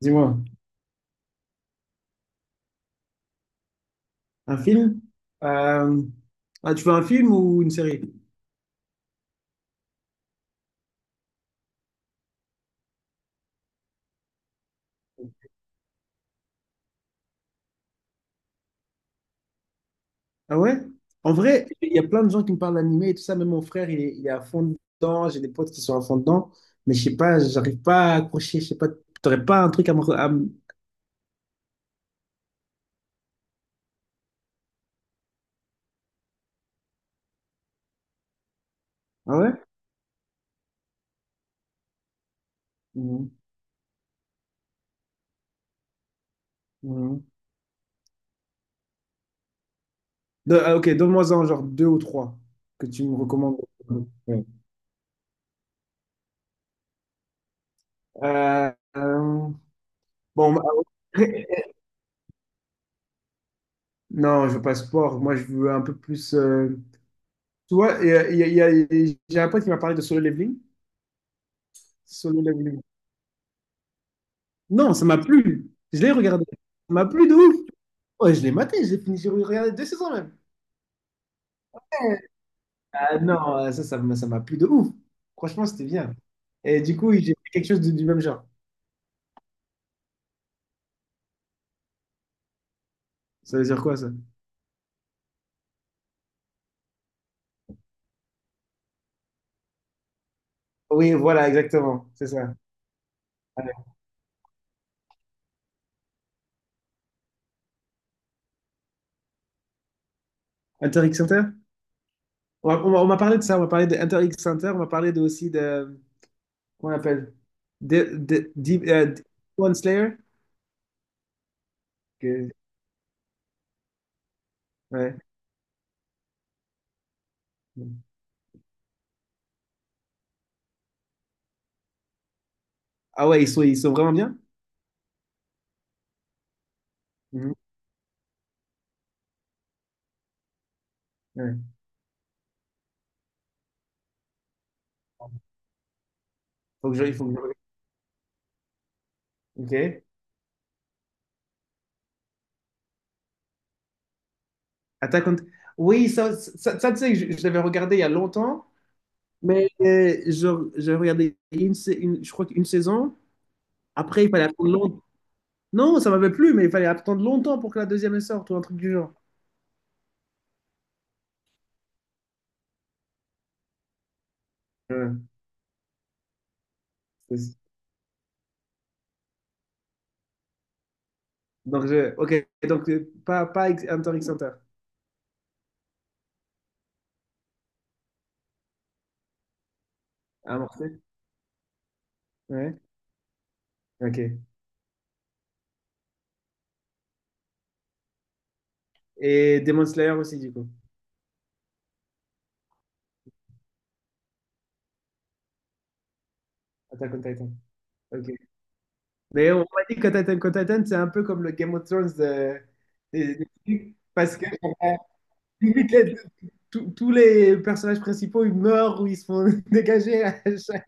Dis-moi, un film? Euh, Ah, tu veux un film ou une série? Ah ouais? En vrai, il y a plein de gens qui me parlent d'animé et tout ça. Même mon frère, il est à fond dedans. J'ai des potes qui sont à fond dedans. Mais je sais pas, j'arrive pas à accrocher. Je sais pas, t'aurais pas un truc Ah ouais? Mhm. Mhm. Ah, ok, donne-moi-en genre deux ou trois que tu me recommandes. Ouais. Euh, euh, bon, bah, non, je veux pas sport. Moi, je veux un peu plus. Tu vois, et j'ai un pote qui m'a parlé de solo leveling. Solo leveling. Non, ça m'a plu. Je l'ai regardé. Ça m'a plu de ouf. Ouais, je l'ai maté, j'ai fini, j'ai regardé deux saisons même. Ah non, ça m'a plu de ouf. Franchement, c'était bien. Et du coup, j'ai fait quelque chose du même genre. Ça veut dire quoi, ça? Oui, voilà, exactement. C'est ça. Ouais. Inter X Center? On m'a parlé de ça, on m'a parlé de Inter X Center, on m'a parlé de, aussi de. Comment on appelle? Deep One Slayer? Que- ouais. Ah ouais, ils sont vraiment bien? Mhm. Ouais. Il faut que je... Ok. Attack on- Oui, ça, tu sais, je l'avais regardé il y a longtemps, mais j'ai regardé je crois qu'une saison. Après, il fallait attendre longtemps. Non, ça m'avait plu, mais il fallait attendre longtemps pour que la deuxième elle sorte ou un truc du genre. Ouais, c'est- donc, ok, donc pas, Hunter x Hunter. Ah, Marseille. Ouais, ok. Et Demon Slayer aussi, du coup. Attack on Titan. Ok. Mais on m'a dit que Attack on Titan, c'est un peu comme le Game of Thrones, des trucs, parce que limite, tous les personnages principaux, ils meurent ou ils se font dégager.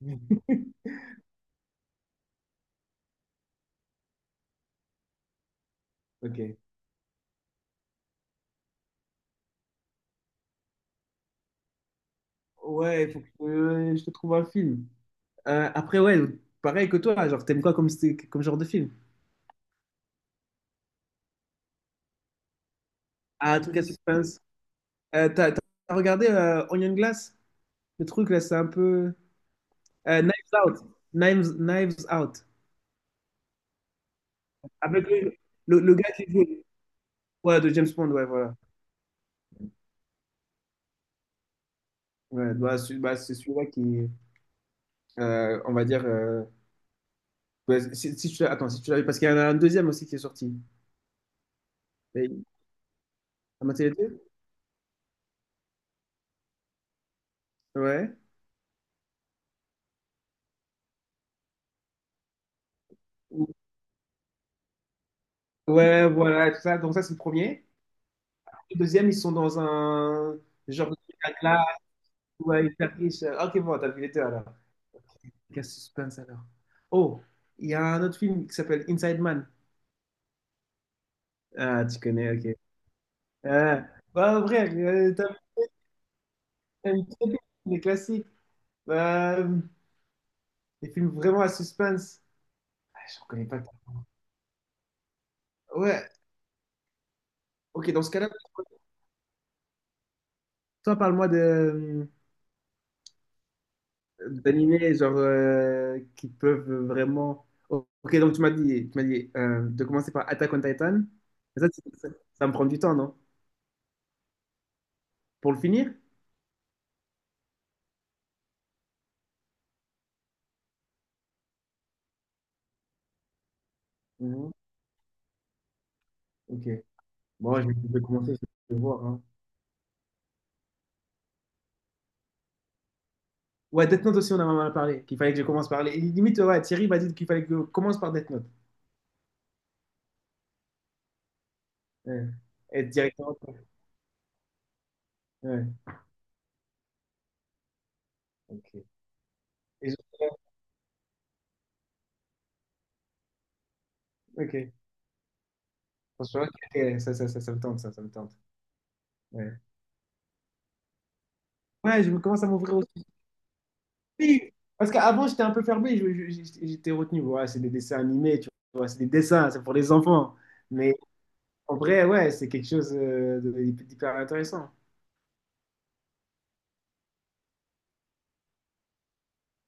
Ok. Ouais, il faut que je te trouve un film. Après, ouais, pareil que toi, genre, t'aimes quoi comme, comme genre de film? Ah, un truc à suspense. T'as regardé Onion Glass? Le truc, là, c'est un peu... Knives Out. Knives Out. Avec le gars qui joue... Ouais, de James Bond, ouais, voilà. Ouais, bah, c'est, bah, c'est celui-là qui, on va dire, ouais, si, si tu l'as, attends, si tu l'as vu, parce qu'il y en a un deuxième aussi qui est sorti. Et- T'as maté les deux? Ouais. Ouais, voilà, tout ça. Donc ça, c'est le premier. Le deuxième, ils sont dans un genre de truc à glace, ouais, hyper riche. Ok, bon, t'as vu les deux alors. Quel suspense alors. Oh, il y a un autre film qui s'appelle Inside Man. Ah, tu connais, ok. Euh, bah, frère, t'as une trop les classiques. Bah, des films vraiment à suspense. Je reconnais pas. Ouais, ok, dans ce cas-là, toi, parle-moi de d'animés genre qui peuvent vraiment. Ok, donc tu m'as dit de commencer par Attack on Titan. Mais ça, ça me prend du temps, non? Pour le finir? Mhm. Ok. Bon, je vais commencer, je vais voir. Hein. Ouais, Death Note aussi, on en a parlé, qu'il fallait que je commence par les. Limite, ouais, Thierry m'a dit qu'il fallait que je commence par Death Note. Ouais. Et directement. Ouais. Ouais, ok. Et je- Ok. Franchement, ok, ça me tente, ça me tente. Ouais. Ouais, je me commence à m'ouvrir aussi. Oui, parce qu'avant, j'étais un peu fermé, j'étais retenu. Ouais, c'est des dessins animés, tu vois, c'est des dessins, c'est pour les enfants. Mais en vrai, ouais, c'est quelque chose d'hyper intéressant.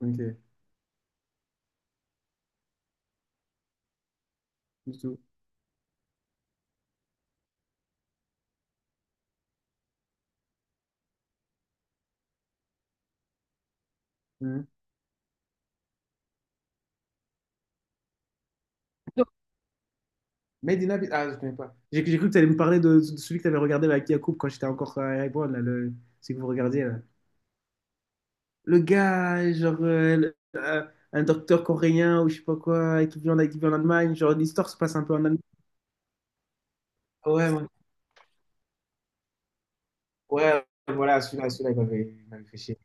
Ok, du tout. Mhm. Donc, Made in Abyss, ah, je connais pas. J'ai cru que tu allais me parler de celui que tu avais regardé avec Yacoub quand j'étais encore à Erevan, là, le, celui que vous regardiez, là. Le gars, genre, un docteur coréen ou je sais pas quoi, qui vit en Allemagne, genre, l'histoire se passe un peu en Allemagne. Ouais, ouais. Ouais, voilà, celui-là, il m'avait fait chier.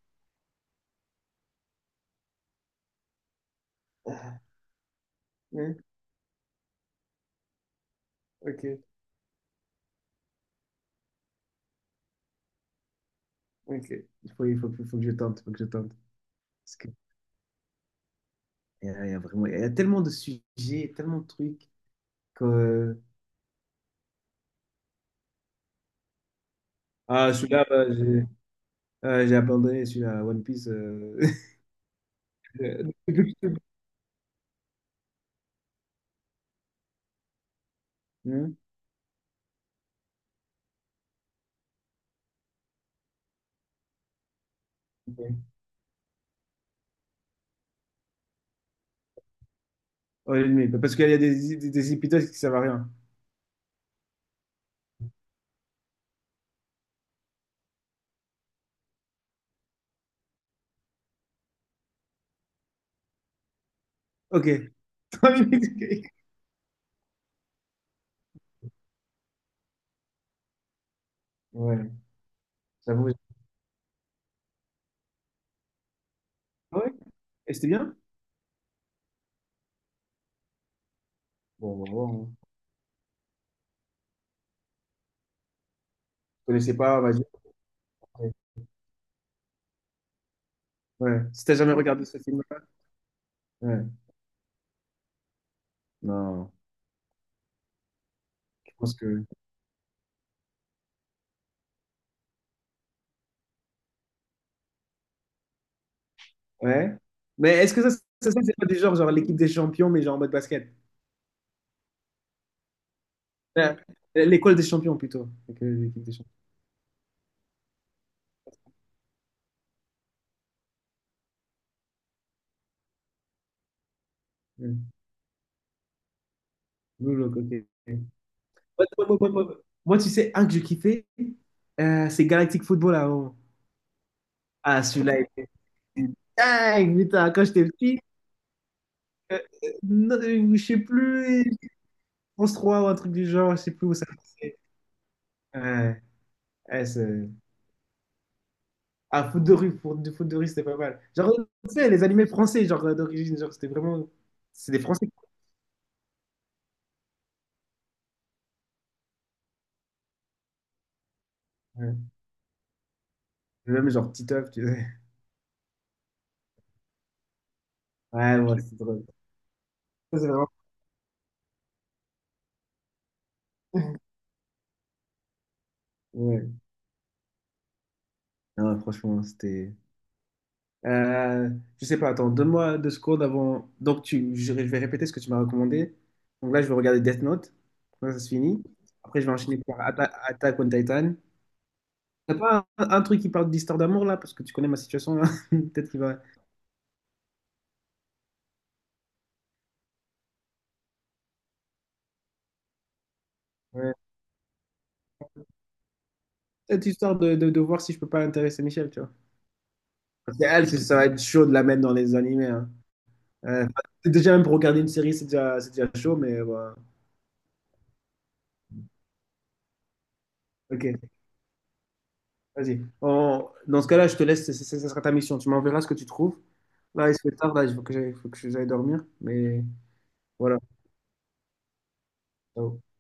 Oui, ok, ok. Il faut que je tente, il faut que je tente. Parce que il y a vraiment, il y a tellement de sujets, tellement de trucs que... Ah, celui-là, bah, j'ai abandonné celui-là, One Piece. Hein. Ok. Oh, l'ennemi, parce qu'il y a des épisodes qui servent à rien. Ok, trois minutes. Ok. Ouais, j'avoue. Ah ouais, et c'était bien? Bon, bon, bon. Je connaissais pas, vas-y. Ouais, si t'as jamais regardé ce film-là, ouais, non, je pense que. Ouais. Mais est-ce que ça, c'est pas du genre, genre l'équipe des champions, mais genre en mode basket? Euh, L'école des champions plutôt. Donc, L'équipe des champions. Ouais. Blue Lock, ok. Moi, moi, moi, moi, tu sais, un que j'ai kiffais, c'est Galactic Football avant. Ah, celui-là, il était dingue, putain. Quand j'étais petit, euh, non, je sais plus, France 3 ou un truc du genre, je sais plus où ça passait. Ouais, ouais, ah, foot de rue, pour du foot de rue, c'était pas mal. Genre, tu sais, les animés français, genre d'origine, genre, c'était vraiment. C'est des Français. Ouais. Même genre Titeuf, tu sais. Ouais, ouais, c'est drôle. Ça, c'est vraiment- Ouais. Non, franchement, c'était. Euh, je sais pas, attends, donne-moi deux secondes avant. Donc, je vais répéter ce que tu m'as recommandé. Donc là, je vais regarder Death Note. Quand ça se finit. Après, je vais enchaîner par Attack on Titan. T'as pas un truc qui parle d'histoire d'amour là? Parce que tu connais ma situation là. Peut-être qu'il va. Ouais. Cette histoire de, voir si je peux pas intéresser Michel, tu vois. Parce que elle, ça va être chaud de la mettre dans les animés. Hein. Euh, déjà, même pour regarder une série, c'est déjà chaud, mais. Voilà. Ok, vas-y. Dans ce cas-là, je te laisse, ça sera ta mission. Tu m'enverras ce que tu trouves. Là, il se fait tard, là, il faut que j'aille dormir. Mais voilà. Ciao.